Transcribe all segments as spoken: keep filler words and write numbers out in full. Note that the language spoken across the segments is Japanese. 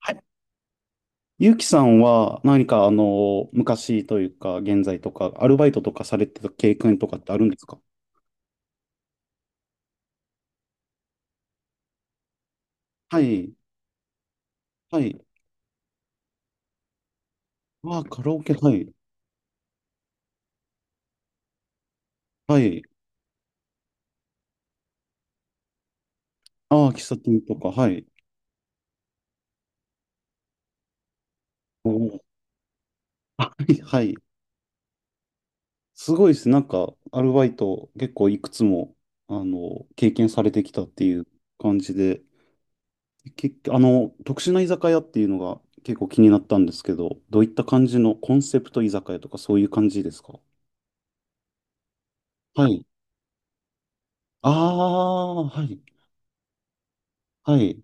はい。ゆうきさんは何かあの、昔というか、現在とか、アルバイトとかされてた経験とかってあるんですか？はい。はい。ああ、カラオケ、はい。はい。ああ、喫茶店とか、はい。お。お。あ、はい。はい。すごいですね。なんか、アルバイト結構いくつも、あの、経験されてきたっていう感じで、結あの、特殊な居酒屋っていうのが結構気になったんですけど、どういった感じのコンセプト居酒屋とかそういう感じですか？はい。ああ、はい。はい、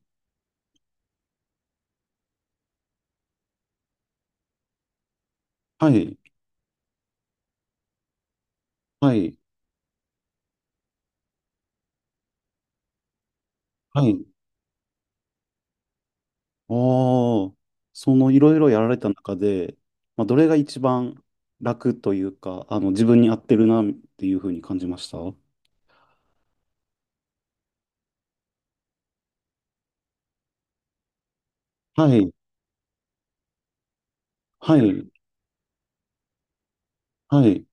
はい、はい、はい。おー、そのいろいろやられた中で、まあ、どれが一番楽というか、あの、自分に合ってるなっていうふうに感じました？はい、はい、はい。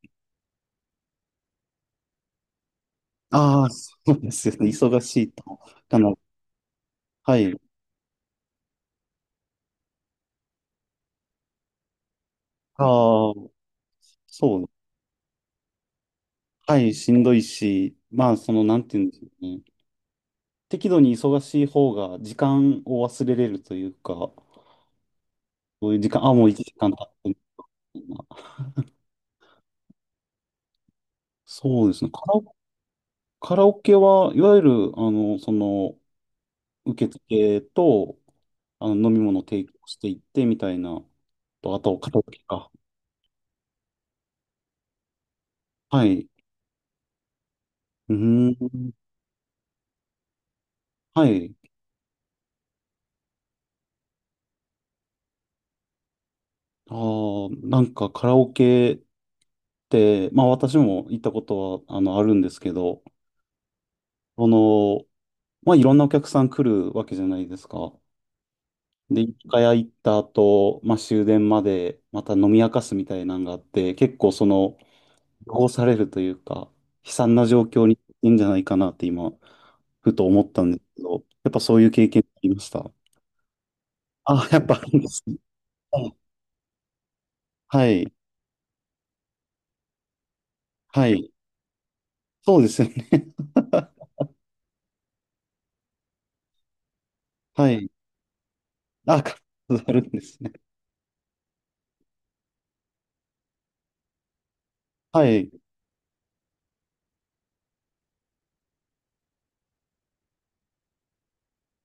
ああ、そうですよね。忙しいと。あの、はい。ああ、そう。はい、しんどいし、まあ、その、なんていうんですかね。適度に忙しい方が時間を忘れれるというか、そういう時間、あ、もういちじかん経ってるみたいな。そうですね。カラオカラオケはいわゆる、あの、その、受付と、あの、飲み物を提供していってみたいな、と、あと、カラオケか。はい。うーん。はい。ああ、なんかカラオケって、まあ私も行ったことは、あの、あるんですけど、その、まあいろんなお客さん来るわけじゃないですか。で、一回行った後、まあ終電までまた飲み明かすみたいなのがあって、結構その、汚されるというか、悲惨な状況にいいんじゃないかなって今、ふと思ったんですけど、やっぱそういう経験ありました？あ、やっぱあるんですね。うん、はい。はい。そうですよね。はい。あ、カップあるんですね。はい。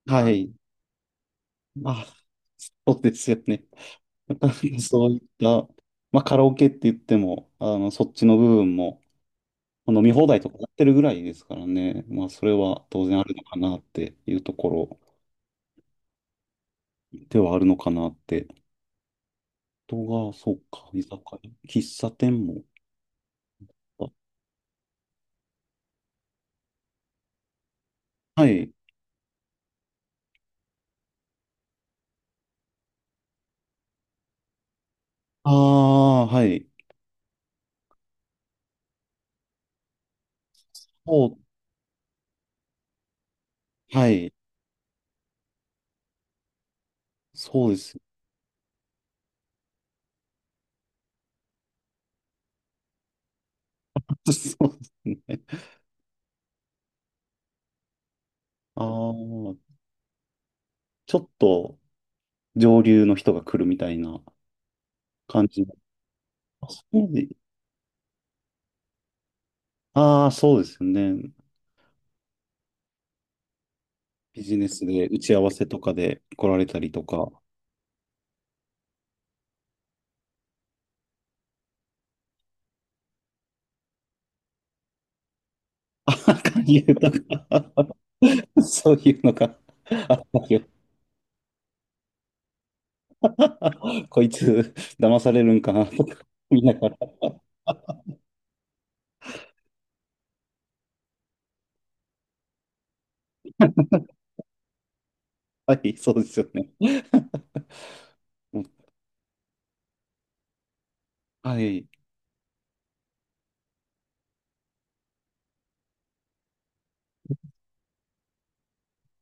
はい。あ、そうですよね。そういった、まあカラオケって言っても、あの、そっちの部分も、飲み放題とかやってるぐらいですからね。まあそれは当然あるのかなっていうところではあるのかなって人が、そうか、居酒屋、喫茶店もあった。はい。ああ、はい。そう、はい。そうです。そうですね。ああ、ちょっと上流の人が来るみたいな感じの。あ、そうで、ああ、そうですよね。ビジネスで打ち合わせとかで来られたりとか、なんか言うとか、そういうのがあったよ。こいつ、騙されるんかなとか見ながら。はい、そうですよね。はい。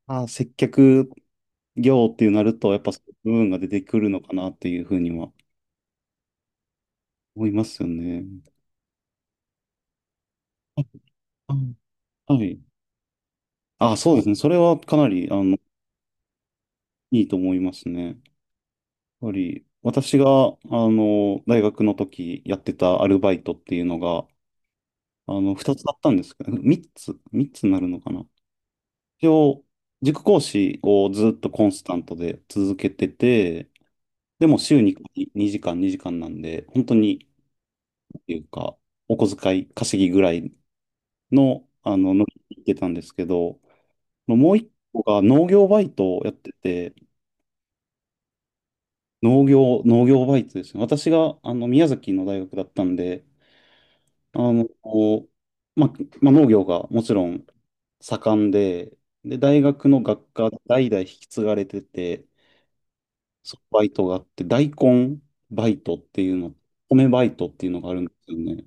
ああ、接客業っていうなると、やっぱそういう部分が出てくるのかなっていうふうには思いますよね。あ、あ、はい。あ、そうですね。それはかなり、あの、いいと思いますね。やっぱり、私が、あの、大学の時やってたアルバイトっていうのが、あの、二つあったんですけど、三つ、三つになるのかな。一応、塾講師をずっとコンスタントで続けてて、でも週ににじかん、にじかんなんで、本当に、ていうか、お小遣い稼ぎぐらいの、あの、乗り切ってたんですけど、もう一個が農業バイトをやってて、農業、農業バイトですね。私が、あの、宮崎の大学だったんで、あの、こうま、ま、農業がもちろん盛んで、で、大学の学科代々引き継がれてて、そのバイトがあって、大根バイトっていうの、米バイトっていうのがあるんですよね。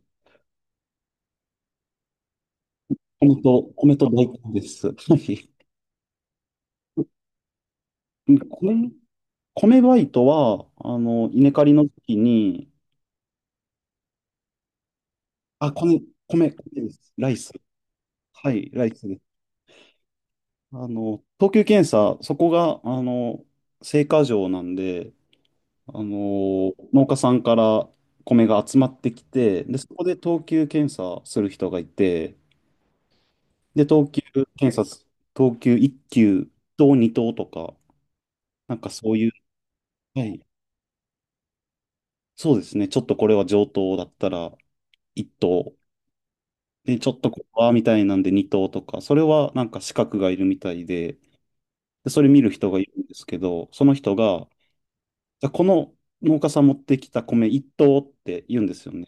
米と、米と大根です。はい。米米バイトは、あの、稲刈りの時に、あ、米、米、米です。ライス。はい、ライスです。あの、等級検査、そこが、あの、青果場なんで、あの、農家さんから米が集まってきて、で、そこで等級検査する人がいて、で、等級検査す、等級いっ級等に等とか、なんかそういう、はい、そうですね、ちょっとこれは上等だったらいっ等で、ちょっとここはみたいなんでに頭とか、それはなんか資格がいるみたいで、で、それ見る人がいるんですけど、その人が、じゃあこの農家さん持ってきた米いっ頭って言うんですよね。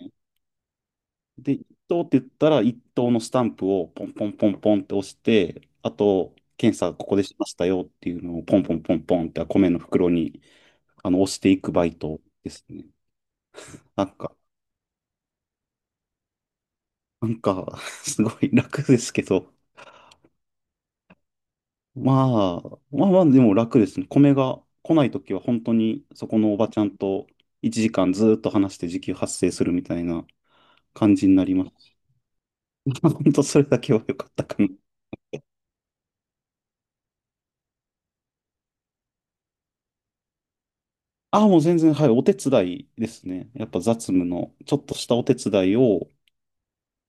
で、いっ頭って言ったらいっ頭のスタンプをポンポンポンポンって押して、あと、検査ここでしましたよっていうのをポンポンポンポンって米の袋にあの押していくバイトですね。なんか、なんか すごい楽ですけど、まあ、まあまあ、でも楽ですね。米が来ないときは本当にそこのおばちゃんといちじかんずーっと話して時給発生するみたいな感じになります。本当それだけは良かったかな。ああ、もう全然、はい、お手伝いですね。やっぱ雑務の、ちょっとしたお手伝いを、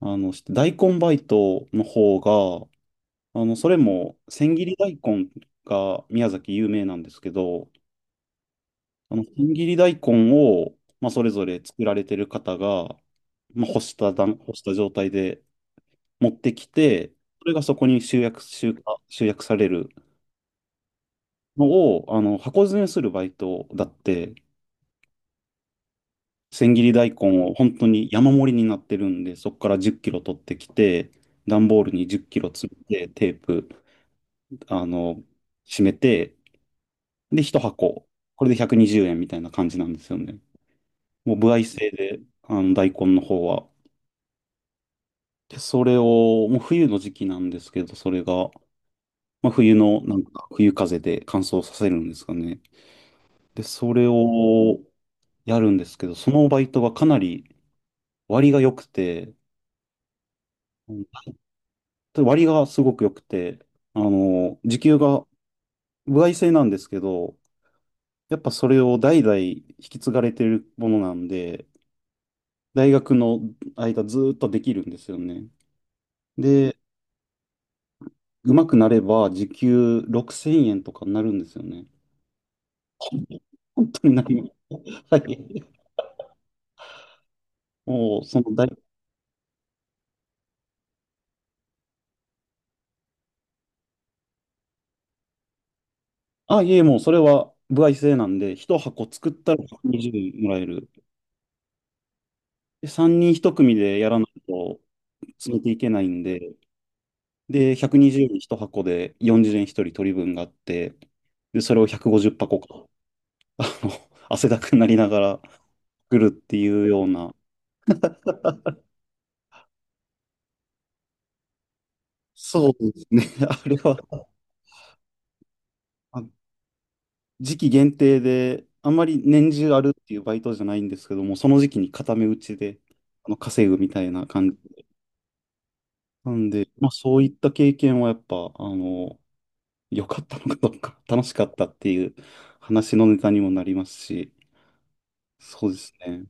あの、して大根バイトの方が、あの、それも千切り大根が宮崎有名なんですけど、あの、千切り大根を、まあ、それぞれ作られてる方が、まあ、干した段、干した状態で持ってきて、それがそこに集約、集、集約されるのを、あの、箱詰めするバイトだって、千切り大根を本当に山盛りになってるんで、そこからじゅっきろ取ってきて、段ボールにじゅっきろ詰めて、テープ、あの、締めて、で、ひと箱、これでひゃくにじゅうえんみたいな感じなんですよね。もう、歩合制で、あの、大根の方は。で、それを、もう冬の時期なんですけど、それが、まあ、冬の、なんか、冬風で乾燥させるんですかね。で、それをやるんですけど、そのバイトがかなり割が良くて、うん、割がすごく良くて、あの、時給が歩合制なんですけど、やっぱそれを代々引き継がれてるものなんで、大学の間ずーっとできるんですよね。で、うまくなれば時給ろくせんえんとかになるんですよね。本当にな、何、はい。もう、その大、あ、いえ、もうそれは歩合制なんで、いっ箱作ったらひゃくにじゅうもらえる。で、さんにんひと組でやらないと詰めていけないんで、で、ひゃくにじゅうえんいっ箱でよんじゅうえんひとり取り分があって、で、それをひゃくごじゅう箱か、あの、汗だくになりながら作るっていうような、そうですね。あれは、あ、時期限定で、あんまり年中あるっていうバイトじゃないんですけども、その時期に固め打ちで、あの、稼ぐみたいな感じ。なんで、まあそういった経験はやっぱ、あの、良かったのかどうか、楽しかったっていう話のネタにもなりますし、そうですね。